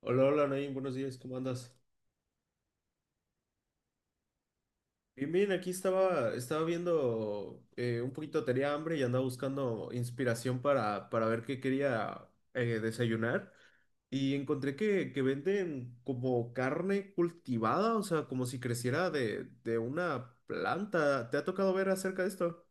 Hola, hola, Nain, buenos días, ¿cómo andas? Bien, bien, aquí estaba viendo un poquito, tenía hambre y andaba buscando inspiración para ver qué quería desayunar y encontré que venden como carne cultivada, o sea, como si creciera de una planta. ¿Te ha tocado ver acerca de esto?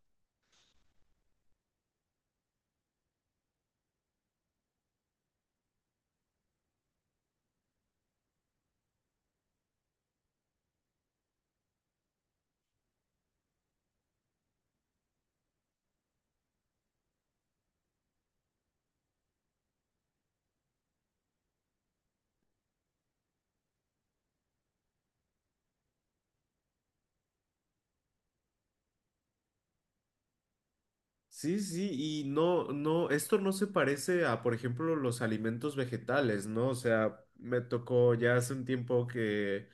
Sí, sí, y no, no, esto no se parece a, por ejemplo, los alimentos vegetales, ¿no? O sea, me tocó ya hace un tiempo que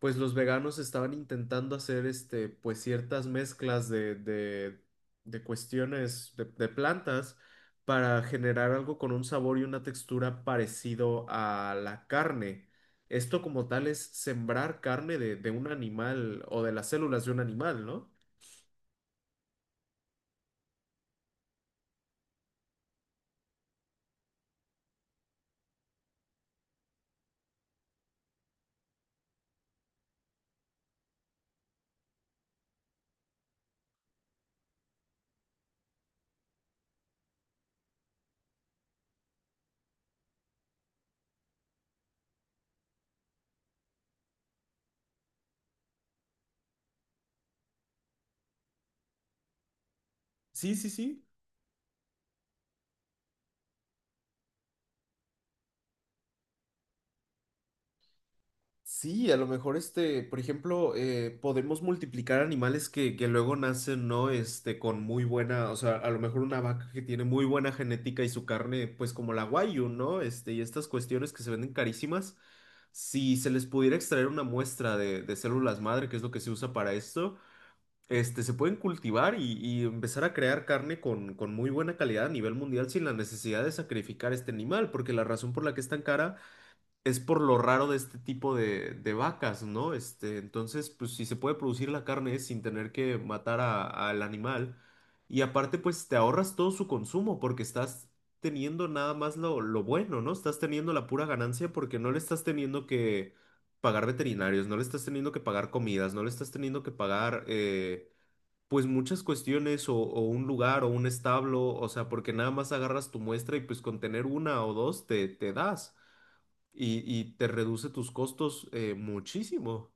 pues los veganos estaban intentando hacer pues ciertas mezclas de cuestiones de plantas para generar algo con un sabor y una textura parecido a la carne. Esto como tal es sembrar carne de un animal o de las células de un animal, ¿no? Sí, sí, sí. Sí, a lo mejor por ejemplo, podemos multiplicar animales que luego nacen, ¿no? Con muy buena, o sea, a lo mejor una vaca que tiene muy buena genética y su carne, pues como la Wagyu, ¿no? Y estas cuestiones que se venden carísimas, si se les pudiera extraer una muestra de células madre, que es lo que se usa para esto, se pueden cultivar y empezar a crear carne con muy buena calidad a nivel mundial sin la necesidad de sacrificar este animal, porque la razón por la que es tan cara es por lo raro de este tipo de vacas, ¿no? Entonces, pues si se puede producir la carne sin tener que matar al animal. Y aparte, pues te ahorras todo su consumo porque estás teniendo nada más lo bueno, ¿no? Estás teniendo la pura ganancia porque no le estás teniendo que pagar veterinarios, no le estás teniendo que pagar comidas, no le estás teniendo que pagar, pues muchas cuestiones o un lugar o un establo, o sea, porque nada más agarras tu muestra y pues con tener una o dos te das y te reduce tus costos muchísimo.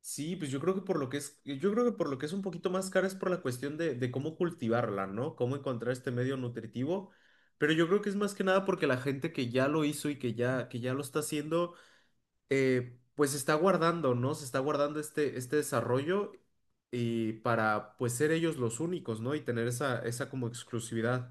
Sí, pues yo creo que por lo que es, yo creo que por lo que es un poquito más cara es por la cuestión de cómo cultivarla, ¿no? Cómo encontrar este medio nutritivo. Pero yo creo que es más que nada porque la gente que ya lo hizo y que ya lo está haciendo, pues se está guardando, ¿no? Se está guardando este desarrollo y para pues ser ellos los únicos, ¿no? Y tener esa como exclusividad.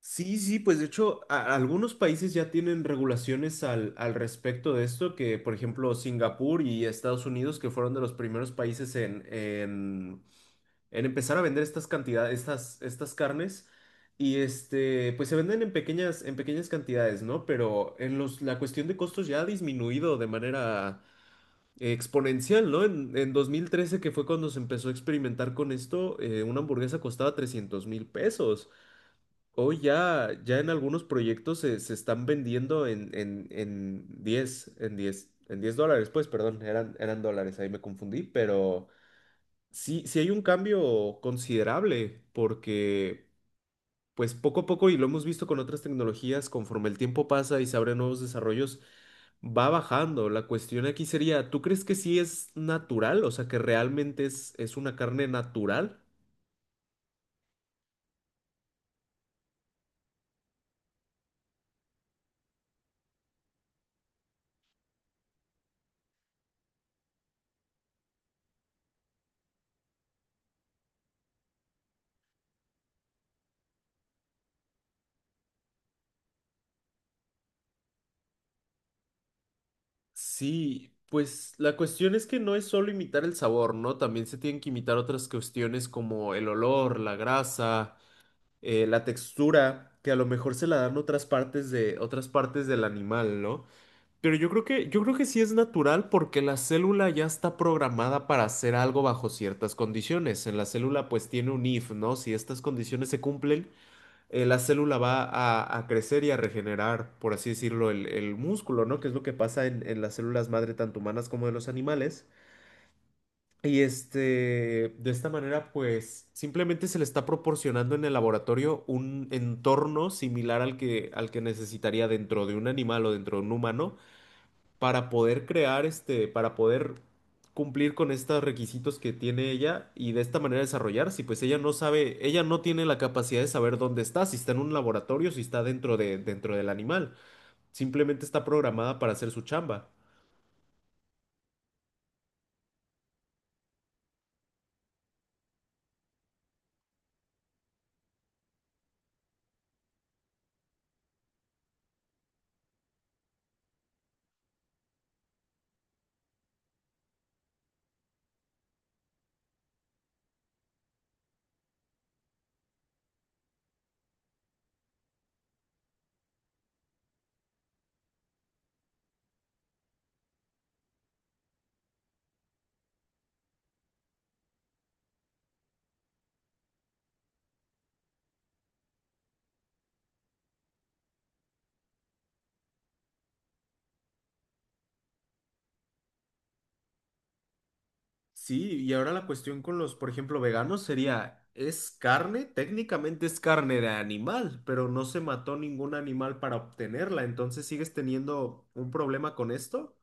Sí, sí, pues de hecho algunos países ya tienen regulaciones al respecto de esto, que por ejemplo Singapur y Estados Unidos, que fueron de los primeros países en empezar a vender estas cantidades, estas carnes, y pues se venden en pequeñas cantidades, ¿no? Pero la cuestión de costos ya ha disminuido de manera exponencial, ¿no? En 2013, que fue cuando se empezó a experimentar con esto, una hamburguesa costaba 300 mil pesos. Hoy ya en algunos proyectos se están vendiendo en diez dólares, pues, perdón, eran dólares, ahí me confundí, pero sí, sí hay un cambio considerable, porque pues poco a poco, y lo hemos visto con otras tecnologías, conforme el tiempo pasa y se abren nuevos desarrollos, va bajando. La cuestión aquí sería, ¿tú crees que sí es natural? O sea, que realmente es una carne natural. Sí, pues la cuestión es que no es solo imitar el sabor, ¿no? También se tienen que imitar otras cuestiones como el olor, la grasa, la textura, que a lo mejor se la dan otras partes de otras partes del animal, ¿no? Pero yo creo que sí es natural porque la célula ya está programada para hacer algo bajo ciertas condiciones. En la célula pues tiene un if, ¿no? Si estas condiciones se cumplen, la célula va a crecer y a regenerar, por así decirlo, el músculo, ¿no? Que es lo que pasa en las células madre, tanto humanas como de los animales. Y de esta manera, pues simplemente se le está proporcionando en el laboratorio un entorno similar al que necesitaría dentro de un animal o dentro de un humano para poder crear para poder cumplir con estos requisitos que tiene ella y de esta manera desarrollarse. Y pues ella no sabe, ella no tiene la capacidad de saber dónde está, si está en un laboratorio, si está dentro del animal. Simplemente está programada para hacer su chamba. Sí, y ahora la cuestión con los, por ejemplo, veganos sería, ¿es carne? Técnicamente es carne de animal, pero no se mató ningún animal para obtenerla, entonces sigues teniendo un problema con esto.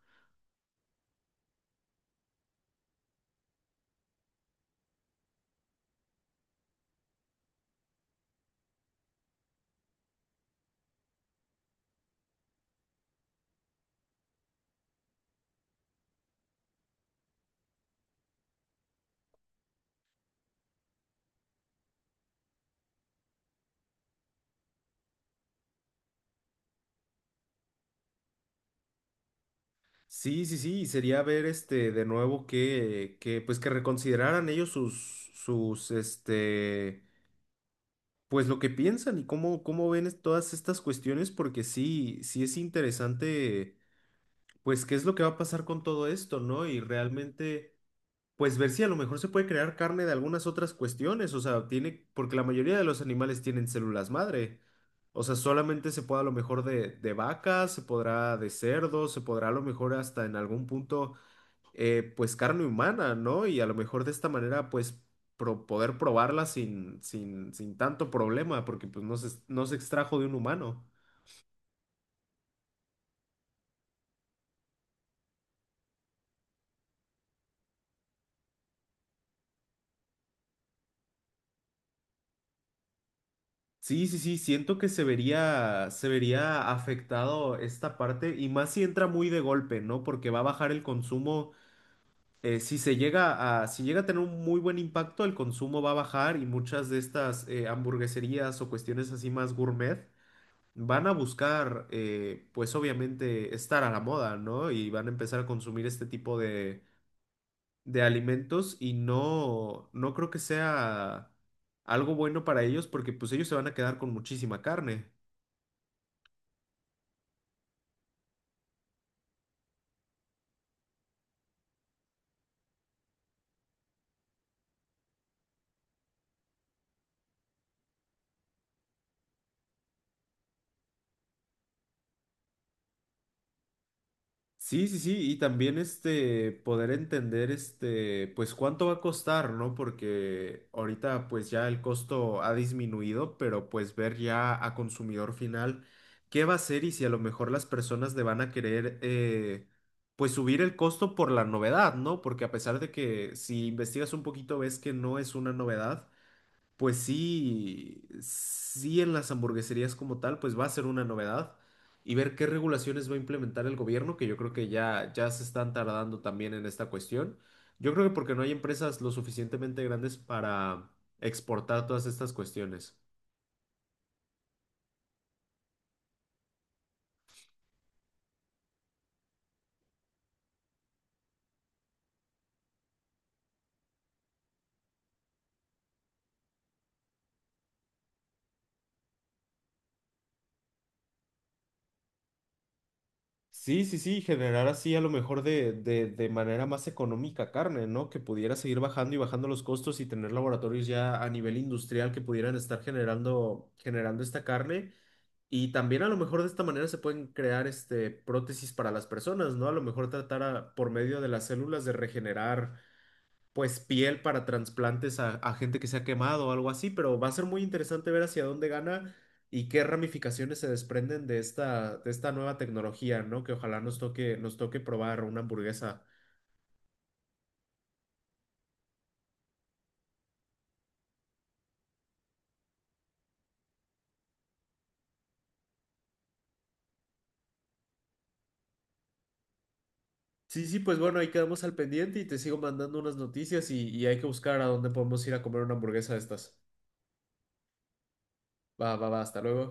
Sí, sí, sí, y sería ver de nuevo que pues que reconsideraran ellos sus pues lo que piensan y cómo ven todas estas cuestiones, porque sí, sí es interesante, pues qué es lo que va a pasar con todo esto, ¿no? Y realmente, pues ver si a lo mejor se puede crear carne de algunas otras cuestiones, o sea, porque la mayoría de los animales tienen células madre. O sea, solamente se puede a lo mejor de vacas, se podrá de cerdos, se podrá a lo mejor hasta en algún punto pues carne humana, ¿no? Y a lo mejor de esta manera, pues poder probarla sin tanto problema, porque pues no se extrajo de un humano. Sí, sí, sí, siento que se vería afectado esta parte y más si entra muy de golpe, ¿no? Porque va a bajar el consumo, si llega a tener un muy buen impacto, el consumo va a bajar y muchas de estas hamburgueserías o cuestiones así más gourmet van a buscar, pues obviamente, estar a la moda, ¿no? Y van a empezar a consumir este tipo de alimentos y no creo que sea algo bueno para ellos porque pues ellos se van a quedar con muchísima carne. Sí, sí, sí, y también poder entender pues cuánto va a costar, ¿no? Porque ahorita pues ya el costo ha disminuido, pero pues ver ya a consumidor final qué va a ser y si a lo mejor las personas le van a querer pues subir el costo por la novedad, ¿no? Porque a pesar de que si investigas un poquito ves que no es una novedad, pues sí, sí en las hamburgueserías como tal, pues va a ser una novedad y ver qué regulaciones va a implementar el gobierno, que yo creo que ya se están tardando también en esta cuestión. Yo creo que porque no hay empresas lo suficientemente grandes para exportar todas estas cuestiones. Sí, sí, sí, generar así a lo mejor de manera más económica carne, ¿no? Que pudiera seguir bajando y bajando los costos y tener laboratorios ya a nivel industrial que pudieran estar generando esta carne. Y también a lo mejor de esta manera se pueden crear prótesis para las personas, ¿no? A lo mejor tratar por medio de las células de regenerar pues piel para trasplantes a gente que se ha quemado o algo así, pero va a ser muy interesante ver hacia dónde gana y qué ramificaciones se desprenden de esta nueva tecnología, ¿no? Que ojalá nos toque probar una hamburguesa. Sí, sí, pues bueno, ahí quedamos al pendiente y te sigo mandando unas noticias y hay que buscar a dónde podemos ir a comer una hamburguesa de estas. Va, va, va, hasta luego.